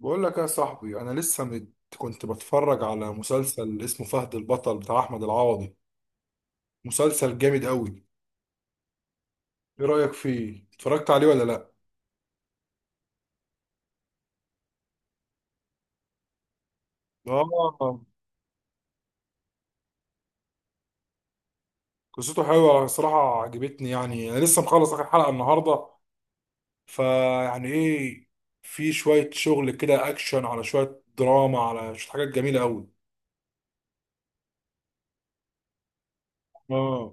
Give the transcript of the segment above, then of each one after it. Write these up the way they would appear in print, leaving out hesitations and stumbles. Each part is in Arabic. بقول لك يا صاحبي انا لسه مت... كنت بتفرج على مسلسل اسمه فهد البطل بتاع احمد العوضي. مسلسل جامد قوي. ايه رايك فيه، اتفرجت عليه ولا لا؟ اه، قصته حلوه صراحه، عجبتني. يعني انا لسه مخلص اخر حلقه النهارده. فيعني في شويه شغل كده، اكشن على شويه دراما على شويه حاجات جميله قوي. اه،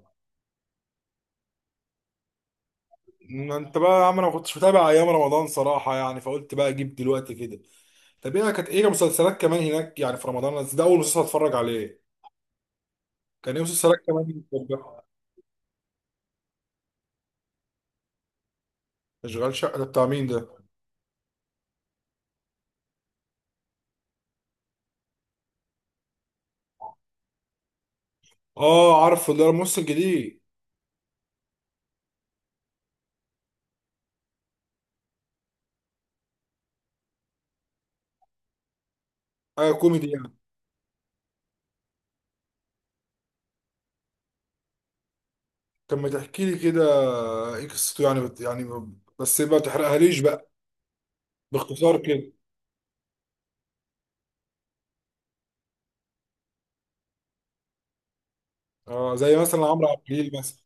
ما انت بقى يا عم، انا ما كنتش متابع ايام رمضان صراحه، يعني فقلت بقى اجيب دلوقتي كده. طب ايه كانت مسلسلات كمان هناك يعني في رمضان؟ بس ده اول مسلسل اتفرج عليه. كان ايه مسلسلات كمان بتتفرج؟ اشغال شقه ده بتاع مين ده؟ اه عارفه، ده الممثل الجديد. ايوه كوميدي يعني؟ طب ما تحكي لي كده، ايه قصته يعني بت... يعني ب- بس ما تحرقهاليش بقى، باختصار كده. اه، زي مثلا عمرو عبد الجليل مثلا.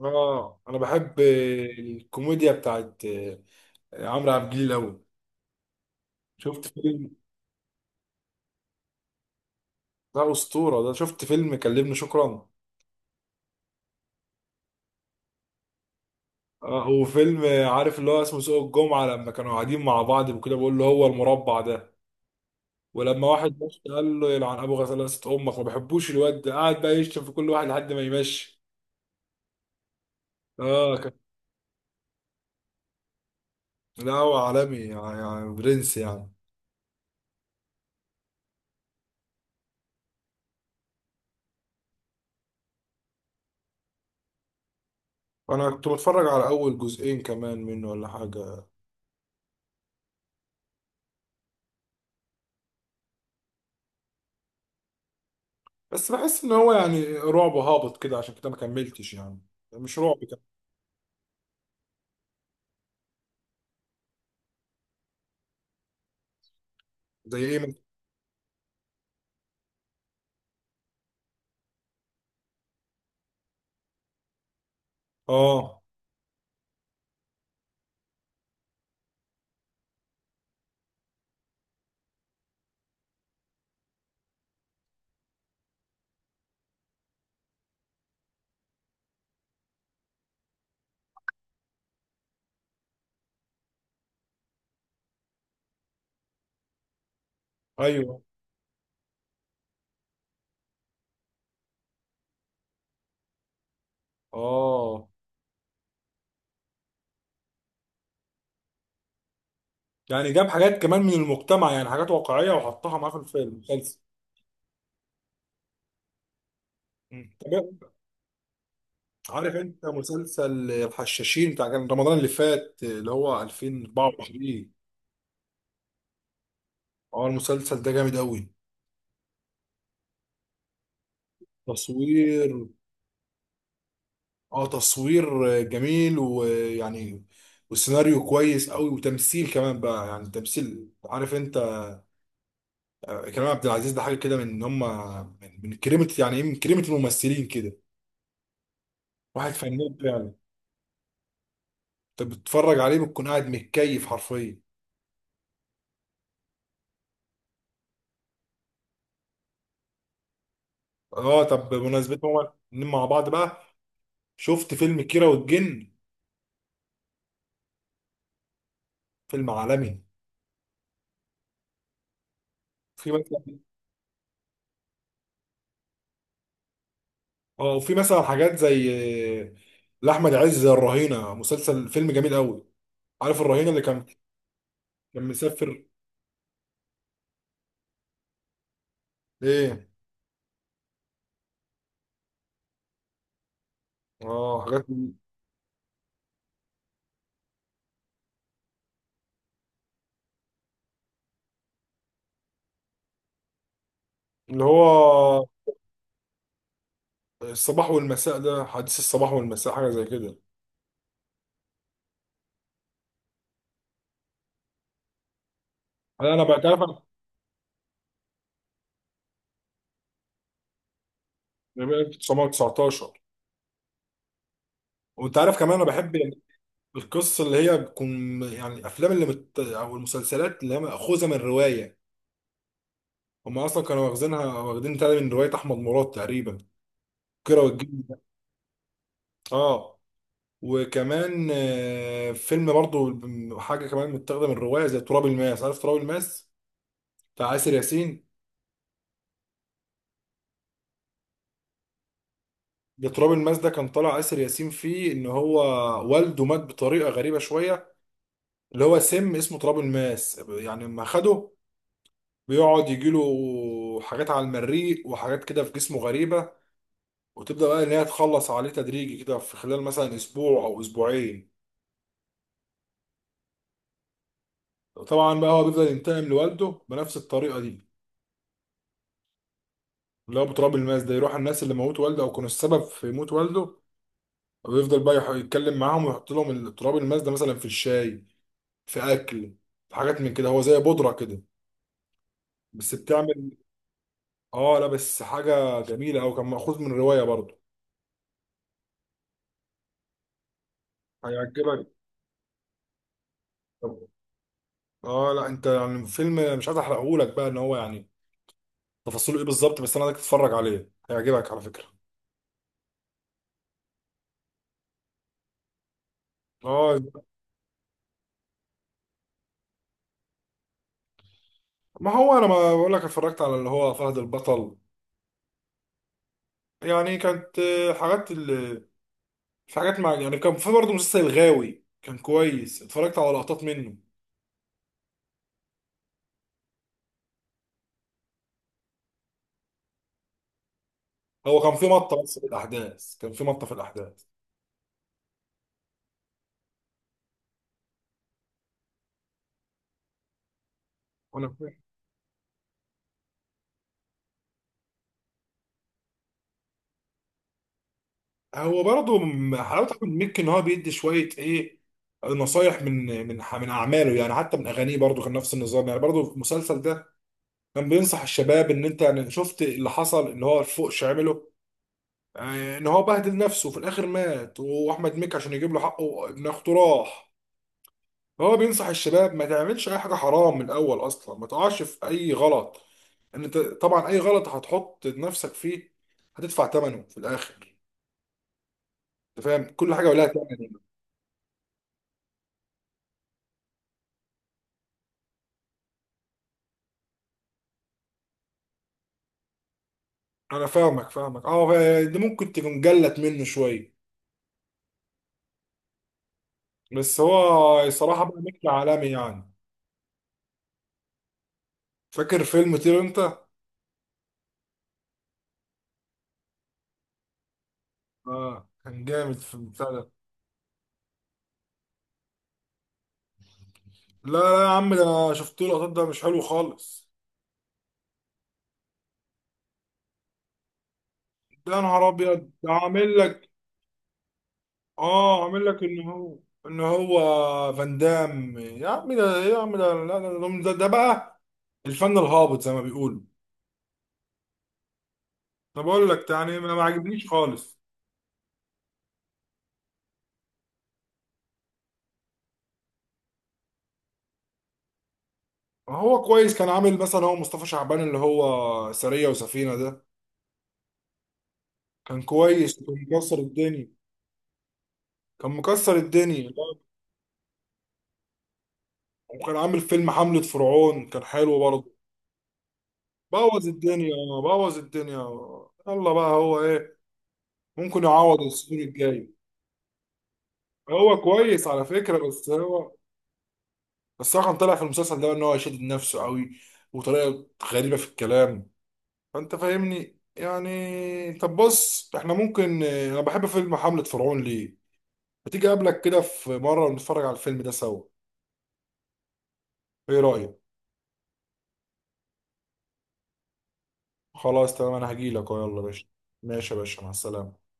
اه انا بحب الكوميديا بتاعت عمرو عبد الجليل قوي. شفت فيلم؟ ده اسطوره ده. شفت فيلم كلمني شكرا؟ وفيلم، عارف اللي هو اسمه سوق الجمعة، لما كانوا قاعدين مع بعض وكده بيقول له هو المربع ده، ولما واحد مشي قال له يلعن ابو غسالة امك. ما بحبوش الواد ده، قعد بقى يشتم في كل واحد لحد ما يمشي. اه كان. لا هو عالمي يعني، يعني برنس يعني. انا كنت بتفرج على اول جزئين كمان منه ولا حاجة. بس بحس ان هو يعني رعب هابط كده، عشان كده ما كملتش يعني. مش رعب كده. زي ايه مثلا؟ اه. ايوه. اه. يعني جاب حاجات كمان من المجتمع، يعني حاجات واقعية وحطها معاه في الفيلم المسلسل. طب عارف انت مسلسل الحشاشين بتاع كان رمضان اللي فات اللي هو 2024؟ اه المسلسل ده جامد قوي. تصوير، اه تصوير جميل ويعني، والسيناريو كويس قوي، وتمثيل كمان بقى يعني. تمثيل عارف انت، كريم عبد العزيز ده حاجه كده من ان هم، من كريمه، يعني ايه، من كريمه الممثلين كده. واحد فنان فعلا. انت بتتفرج عليه بتكون قاعد متكيف حرفيا. اه طب بمناسبة هما الاتنين مع بعض بقى، شفت فيلم كيرة والجن؟ فيلم عالمي. في مثلا. اه وفي مثلا حاجات زي، آه، لأحمد عز زي الرهينة، مسلسل فيلم جميل قوي. عارف الرهينة اللي كان، كان مسافر؟ ايه. اه حاجات. اللي هو الصباح والمساء ده، حديث الصباح والمساء، حاجة زي كده. انا بقى تعرف انا، بقى 1919. وانت عارف كمان انا بحب القصة اللي هي بتكون، يعني الافلام اللي مت... او المسلسلات اللي هي مأخوذة من رواية. هم اصلا كانوا واخدينها واخدين تاني من روايه احمد مراد تقريبا، كيرة والجن ده. اه. وكمان فيلم برضو حاجه كمان متاخده من روايه، زي تراب الماس. عارف تراب الماس بتاع آسر ياسين؟ ده تراب الماس ده كان طالع آسر ياسين فيه، ان هو والده مات بطريقه غريبه شويه. اللي هو سم اسمه تراب الماس، يعني لما خده بيقعد يجيله حاجات على المريء وحاجات كده في جسمه غريبه، وتبدا بقى ان هي تخلص عليه تدريجي كده في خلال مثلا اسبوع او اسبوعين. طبعا بقى هو بيفضل ينتقم لوالده بنفس الطريقه دي، اللي هو بتراب الماس ده. يروح على الناس اللي موت والده او كانوا السبب في موت والده، ويفضل بقى يح- يتكلم معاهم ويحط لهم ال- تراب الماس ده مثلا في الشاي، في اكل، في حاجات من كده. هو زي بودره كده بس بتعمل. اه لا بس حاجه جميله، او كان مأخوذ من روايه برضه، هيعجبك. طب- اه لا انت يعني فيلم مش عايز احرقه لك بقى، ان هو يعني تفاصيله ايه بالظبط، بس انا عايزك تتفرج عليه، هيعجبك على فكره. اه ما هو انا ما بقول لك اتفرجت على اللي هو فهد البطل. يعني كانت حاجات ال... في حاجات مع يعني، كان في برضه مسلسل الغاوي كان كويس، اتفرجت على لقطات منه. هو كان في مطه بس في الاحداث، كان في مطه في الاحداث. وانا فاهم. هو برضه م- حلاوته من ميك ان هو بيدي شويه ايه، نصايح من ح- من اعماله يعني، حتى من اغانيه برضه كان نفس النظام. يعني برضه في المسلسل ده كان بينصح الشباب ان انت يعني شفت اللي حصل، ان هو الفوقش عمله، ان هو بهدل نفسه وفي الاخر مات، واحمد مكي عشان يجيب له حقه ابن اخته راح. هو بينصح الشباب ما تعملش اي حاجه حرام من الاول اصلا، ما تقعش في اي غلط. ان انت طبعا اي غلط هتحط نفسك فيه، هتدفع ثمنه في الاخر. انت فاهم كل حاجه ولها ثمن. انا فاهمك اه، ده ممكن تكون جلت منه شويه، بس هو صراحه بقى نجم عالمي يعني. فاكر فيلم طير انت؟ اه كان جامد في البتاع ده. لا لا يا عم، ده انا شفت له لقطات، ده مش حلو خالص. ده يا نهار ابيض، ده عامل لك. اه عامل لك ان هو، ان هو فان دام يا عم. ده يا عم ده لا، ده، ده بقى الفن الهابط زي ما بيقولوا. انا بقول لك يعني ما عجبنيش خالص. هو كويس، كان عامل مثلا هو مصطفى شعبان اللي هو سرية وسفينة ده، كان كويس كان مكسر الدنيا. كان مكسر الدنيا. وكان عامل فيلم حملة فرعون، كان حلو برضه. بوظ الدنيا. بوظ الدنيا. يلا بقى هو ايه، ممكن يعوض السنين الجاي. هو كويس على فكرة بس هو، بس هو كان طلع في المسلسل ده ان هو يشدد نفسه قوي، وطريقه غريبه في الكلام. فانت فاهمني يعني. طب بص احنا ممكن، انا بحب فيلم حملة فرعون ليه، ما تيجي اقابلك كده في مره ونتفرج على الفيلم ده سوا؟ ايه رايك؟ خلاص تمام، انا هجيلك يلا يا باشا. ماشي يا باشا، مع السلامه.